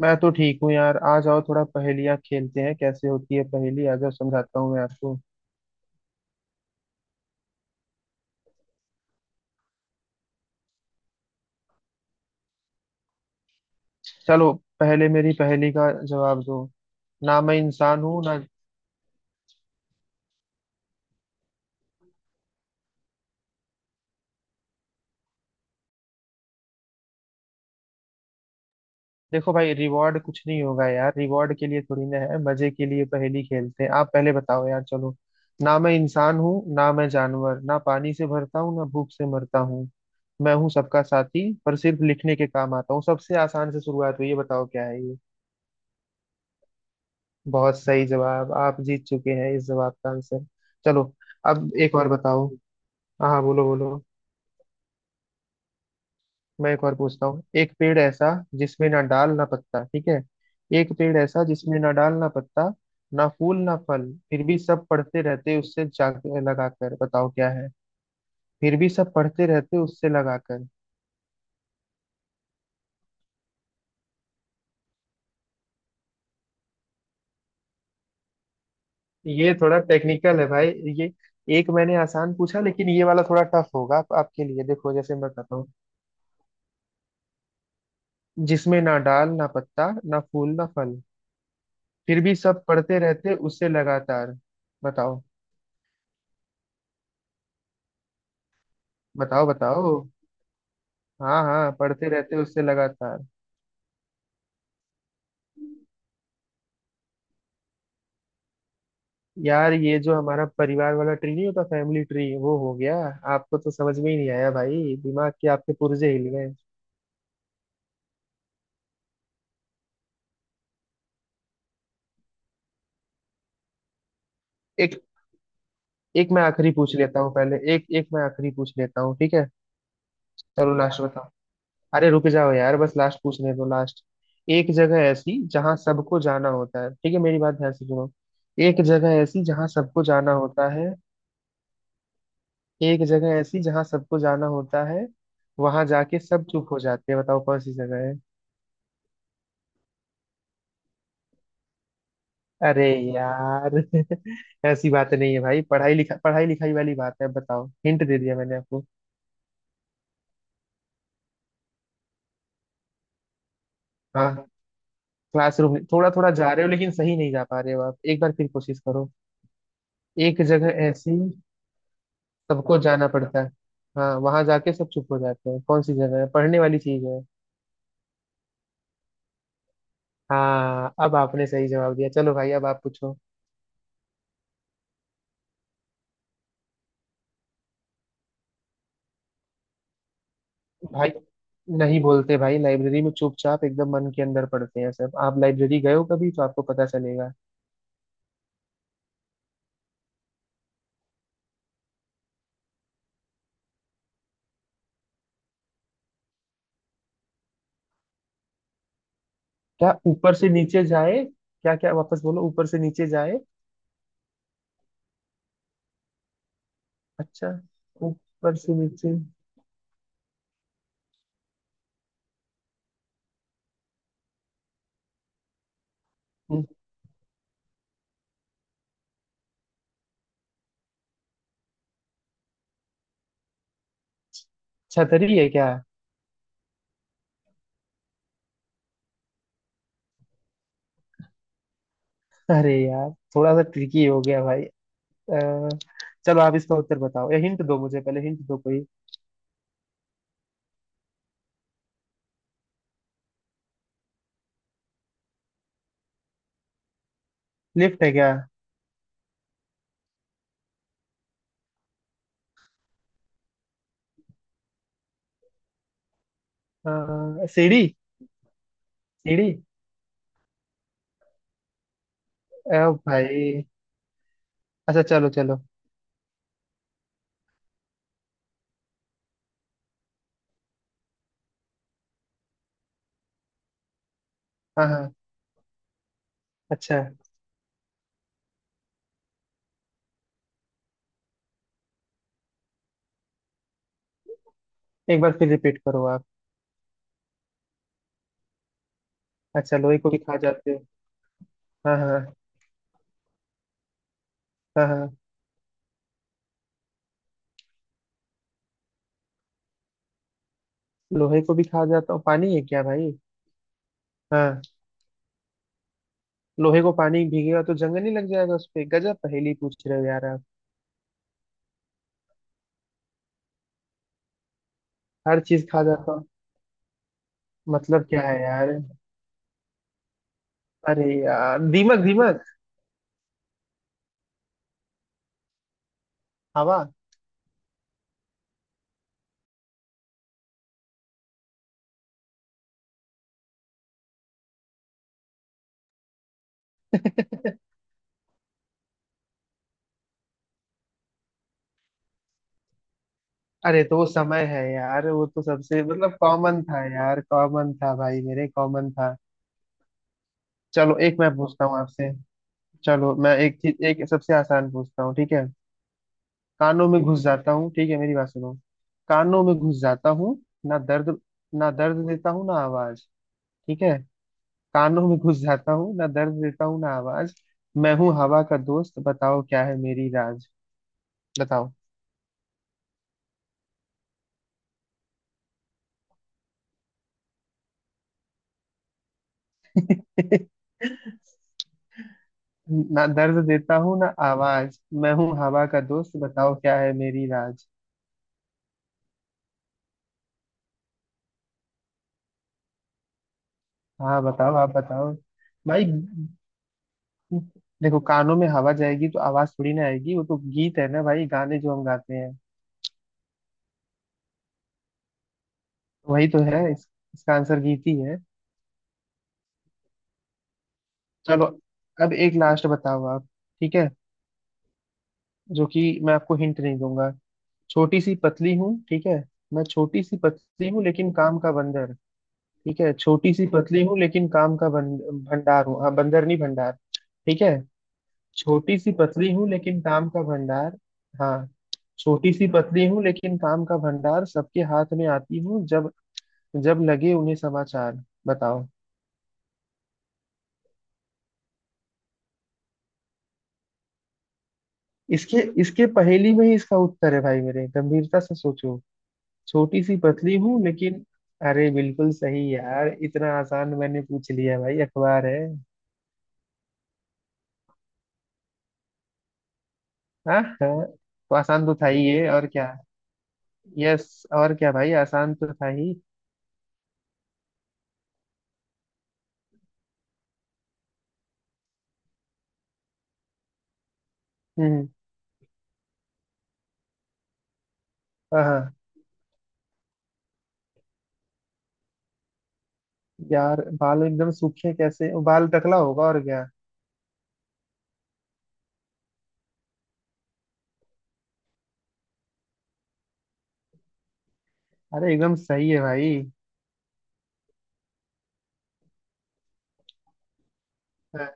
मैं तो ठीक हूँ यार। आ जाओ, थोड़ा पहेलियाँ खेलते हैं। कैसे होती है पहेली आ जाओ समझाता हूँ मैं आपको। चलो पहले मेरी पहेली का जवाब दो। ना मैं इंसान हूँ ना। देखो भाई रिवॉर्ड कुछ नहीं होगा यार। रिवॉर्ड के लिए थोड़ी ना है, मजे के लिए पहेली खेलते हैं। आप पहले बताओ यार, चलो। ना मैं इंसान हूँ ना मैं जानवर, ना पानी से भरता हूँ ना भूख से मरता हूँ। मैं हूँ सबका साथी, पर सिर्फ लिखने के काम आता हूँ। सबसे आसान से शुरुआत हुई, ये बताओ क्या है ये। बहुत सही जवाब, आप जीत चुके हैं इस जवाब का आंसर। चलो अब एक और बताओ। हाँ हाँ, बोलो बोलो। मैं एक और पूछता हूँ। एक पेड़ ऐसा जिसमें ना डाल ना पत्ता, ठीक है। एक पेड़ ऐसा जिसमें ना डाल ना पत्ता, ना फूल ना फल, फिर भी सब पढ़ते रहते उससे जाग लगाकर, बताओ क्या है। फिर भी सब पढ़ते रहते उससे लगाकर। ये थोड़ा टेक्निकल है भाई। ये एक मैंने आसान पूछा, लेकिन ये वाला थोड़ा टफ होगा आपके लिए। देखो जैसे मैं बताता हूँ। जिसमें ना डाल ना पत्ता, ना फूल ना फल, फिर भी सब पढ़ते रहते उससे लगातार। बताओ बताओ बताओ। हाँ हाँ, पढ़ते रहते उससे लगातार। यार ये जो हमारा परिवार वाला ट्री नहीं होता, फैमिली ट्री, वो हो गया। आपको तो समझ में ही नहीं आया भाई, दिमाग के आपके पुर्जे हिल गए। एक एक मैं आखिरी पूछ लेता हूँ। पहले एक एक मैं आखिरी पूछ लेता हूँ, ठीक है। चलो लास्ट बताओ। अरे रुक जाओ यार, बस लास्ट पूछने दो, लास्ट। एक जगह ऐसी जहाँ सबको जाना होता है, ठीक है मेरी बात ध्यान से सुनो। एक जगह ऐसी जहाँ सबको जाना होता है। एक जगह ऐसी जहाँ सबको जाना होता है, वहां जाके सब चुप हो जाते हैं, बताओ कौन सी जगह है। अरे यार ऐसी बात नहीं है भाई, पढ़ाई लिखा पढ़ाई लिखाई वाली बात है, बताओ। हिंट दे दिया मैंने आपको। हाँ, क्लासरूम थोड़ा थोड़ा जा रहे हो लेकिन सही नहीं जा पा रहे हो आप, एक बार फिर कोशिश करो। एक जगह ऐसी सबको जाना पड़ता है। हाँ, वहां जाके सब चुप हो जाते हैं, कौन सी जगह है, पढ़ने वाली चीज है। हाँ, अब आपने सही जवाब दिया। चलो भाई अब आप पूछो। भाई नहीं बोलते भाई, लाइब्रेरी में चुपचाप एकदम मन के अंदर पढ़ते हैं सब। आप लाइब्रेरी गए हो कभी तो आपको पता चलेगा। क्या ऊपर से नीचे जाए, क्या क्या, वापस बोलो। ऊपर से नीचे जाए, अच्छा। ऊपर से नीचे। हम्म, छतरी है क्या। अरे यार, थोड़ा सा ट्रिकी हो गया भाई। अ, चलो आप इसका उत्तर बताओ, या हिंट दो मुझे, पहले हिंट दो कोई। लिफ्ट है क्या। सीढ़ी। सीढ़ी। भाई अच्छा, चलो चलो। हाँ हाँ। अच्छा एक बार फिर रिपीट करो आप। अच्छा लोहे को भी खा जाते हो। हाँ हाँ। हाँ हाँ। लोहे को भी खा जाता हूँ, पानी है क्या भाई। हाँ, लोहे को पानी भीगेगा तो जंग नहीं लग जाएगा उस पे। गजब पहेली पूछ रहे हो यार आप। हर चीज खा जाता हूँ, मतलब क्या है यार। अरे यार, दीमक दीमक। हवा। अरे तो वो समय है यार, वो तो सबसे मतलब कॉमन था यार, कॉमन था भाई मेरे, कॉमन था। चलो एक मैं पूछता हूँ आपसे। चलो मैं एक चीज, एक सबसे आसान पूछता हूँ, ठीक है। कानों में घुस जाता हूँ, ठीक है मेरी बात सुनो। कानों में घुस जाता हूँ, ना दर्द, ना दर्द देता हूँ ना आवाज, ठीक है। कानों में घुस जाता हूँ, ना दर्द देता हूँ ना आवाज, मैं हूँ हवा का दोस्त, बताओ क्या है मेरी राज। बताओ। ना दर्द देता हूँ ना आवाज, मैं हूँ हवा का दोस्त, बताओ क्या है मेरी राज। हाँ बताओ, आप बताओ भाई। देखो कानों में हवा जाएगी तो आवाज थोड़ी ना आएगी, वो तो गीत है ना भाई, गाने जो हम गाते हैं, वही तो है। इसका आंसर गीत ही है। चलो अब एक लास्ट बताओ आप, ठीक है। जो कि मैं आपको हिंट नहीं दूंगा। छोटी सी पतली हूँ, ठीक है। मैं छोटी सी पतली हूँ लेकिन काम का बंदर, ठीक है। छोटी सी पतली हूँ लेकिन काम का बंद, भंडार हूँ। हाँ बंदर नहीं भंडार, ठीक है। छोटी सी पतली हूँ लेकिन काम का भंडार। हाँ। छोटी सी पतली हूँ लेकिन काम का भंडार, सबके हाथ में आती हूँ जब, जब लगे उन्हें समाचार, बताओ। इसके इसके पहेली में ही इसका उत्तर है भाई मेरे, गंभीरता से सोचो। छोटी सी पतली हूँ लेकिन, अरे बिल्कुल सही यार। इतना आसान मैंने पूछ लिया भाई, अखबार है। हाँ हाँ। तो आसान तो था ही ये, और क्या। यस और क्या भाई, आसान तो था ही। हम्म। हाँ हाँ। यार बाल एकदम सूखे कैसे, बाल टकला होगा और क्या। अरे एकदम सही है भाई। हाँ,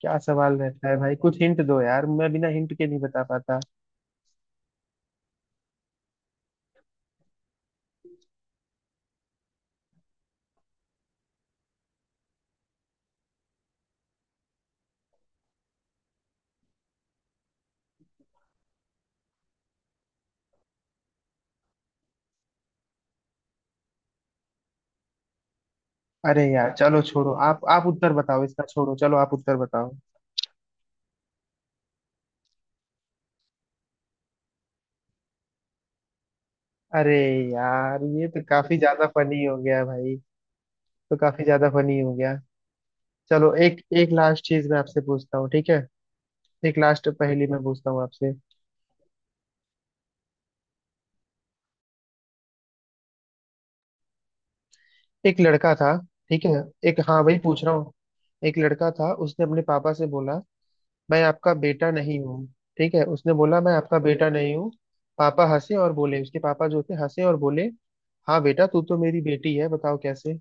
क्या सवाल रहता है भाई, कुछ हिंट दो यार, मैं बिना हिंट के नहीं बता पाता। अरे यार, चलो छोड़ो, आप उत्तर बताओ इसका, छोड़ो चलो आप उत्तर बताओ। अरे यार, ये तो काफी ज्यादा फनी हो गया भाई। तो काफी ज्यादा फनी हो गया। चलो एक, एक लास्ट चीज मैं आपसे पूछता हूँ, ठीक है। एक लास्ट पहेली मैं पूछता हूँ आपसे। एक लड़का था, ठीक है। एक, हाँ भाई पूछ रहा हूँ। एक लड़का था, उसने अपने पापा से बोला मैं आपका बेटा नहीं हूँ। ठीक है उसने बोला मैं आपका बेटा नहीं हूँ। पापा हंसे और बोले, उसके पापा जो थे हंसे और बोले, हाँ बेटा तू तो मेरी बेटी है, बताओ कैसे।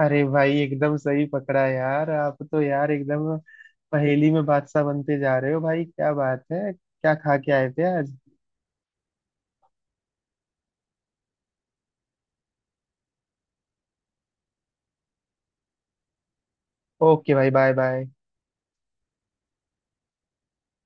अरे भाई एकदम सही पकड़ा यार, आप तो यार एकदम पहेली में बादशाह बनते जा रहे हो भाई, क्या बात है, क्या खा के आए थे आज। ओके भाई, बाय बाय।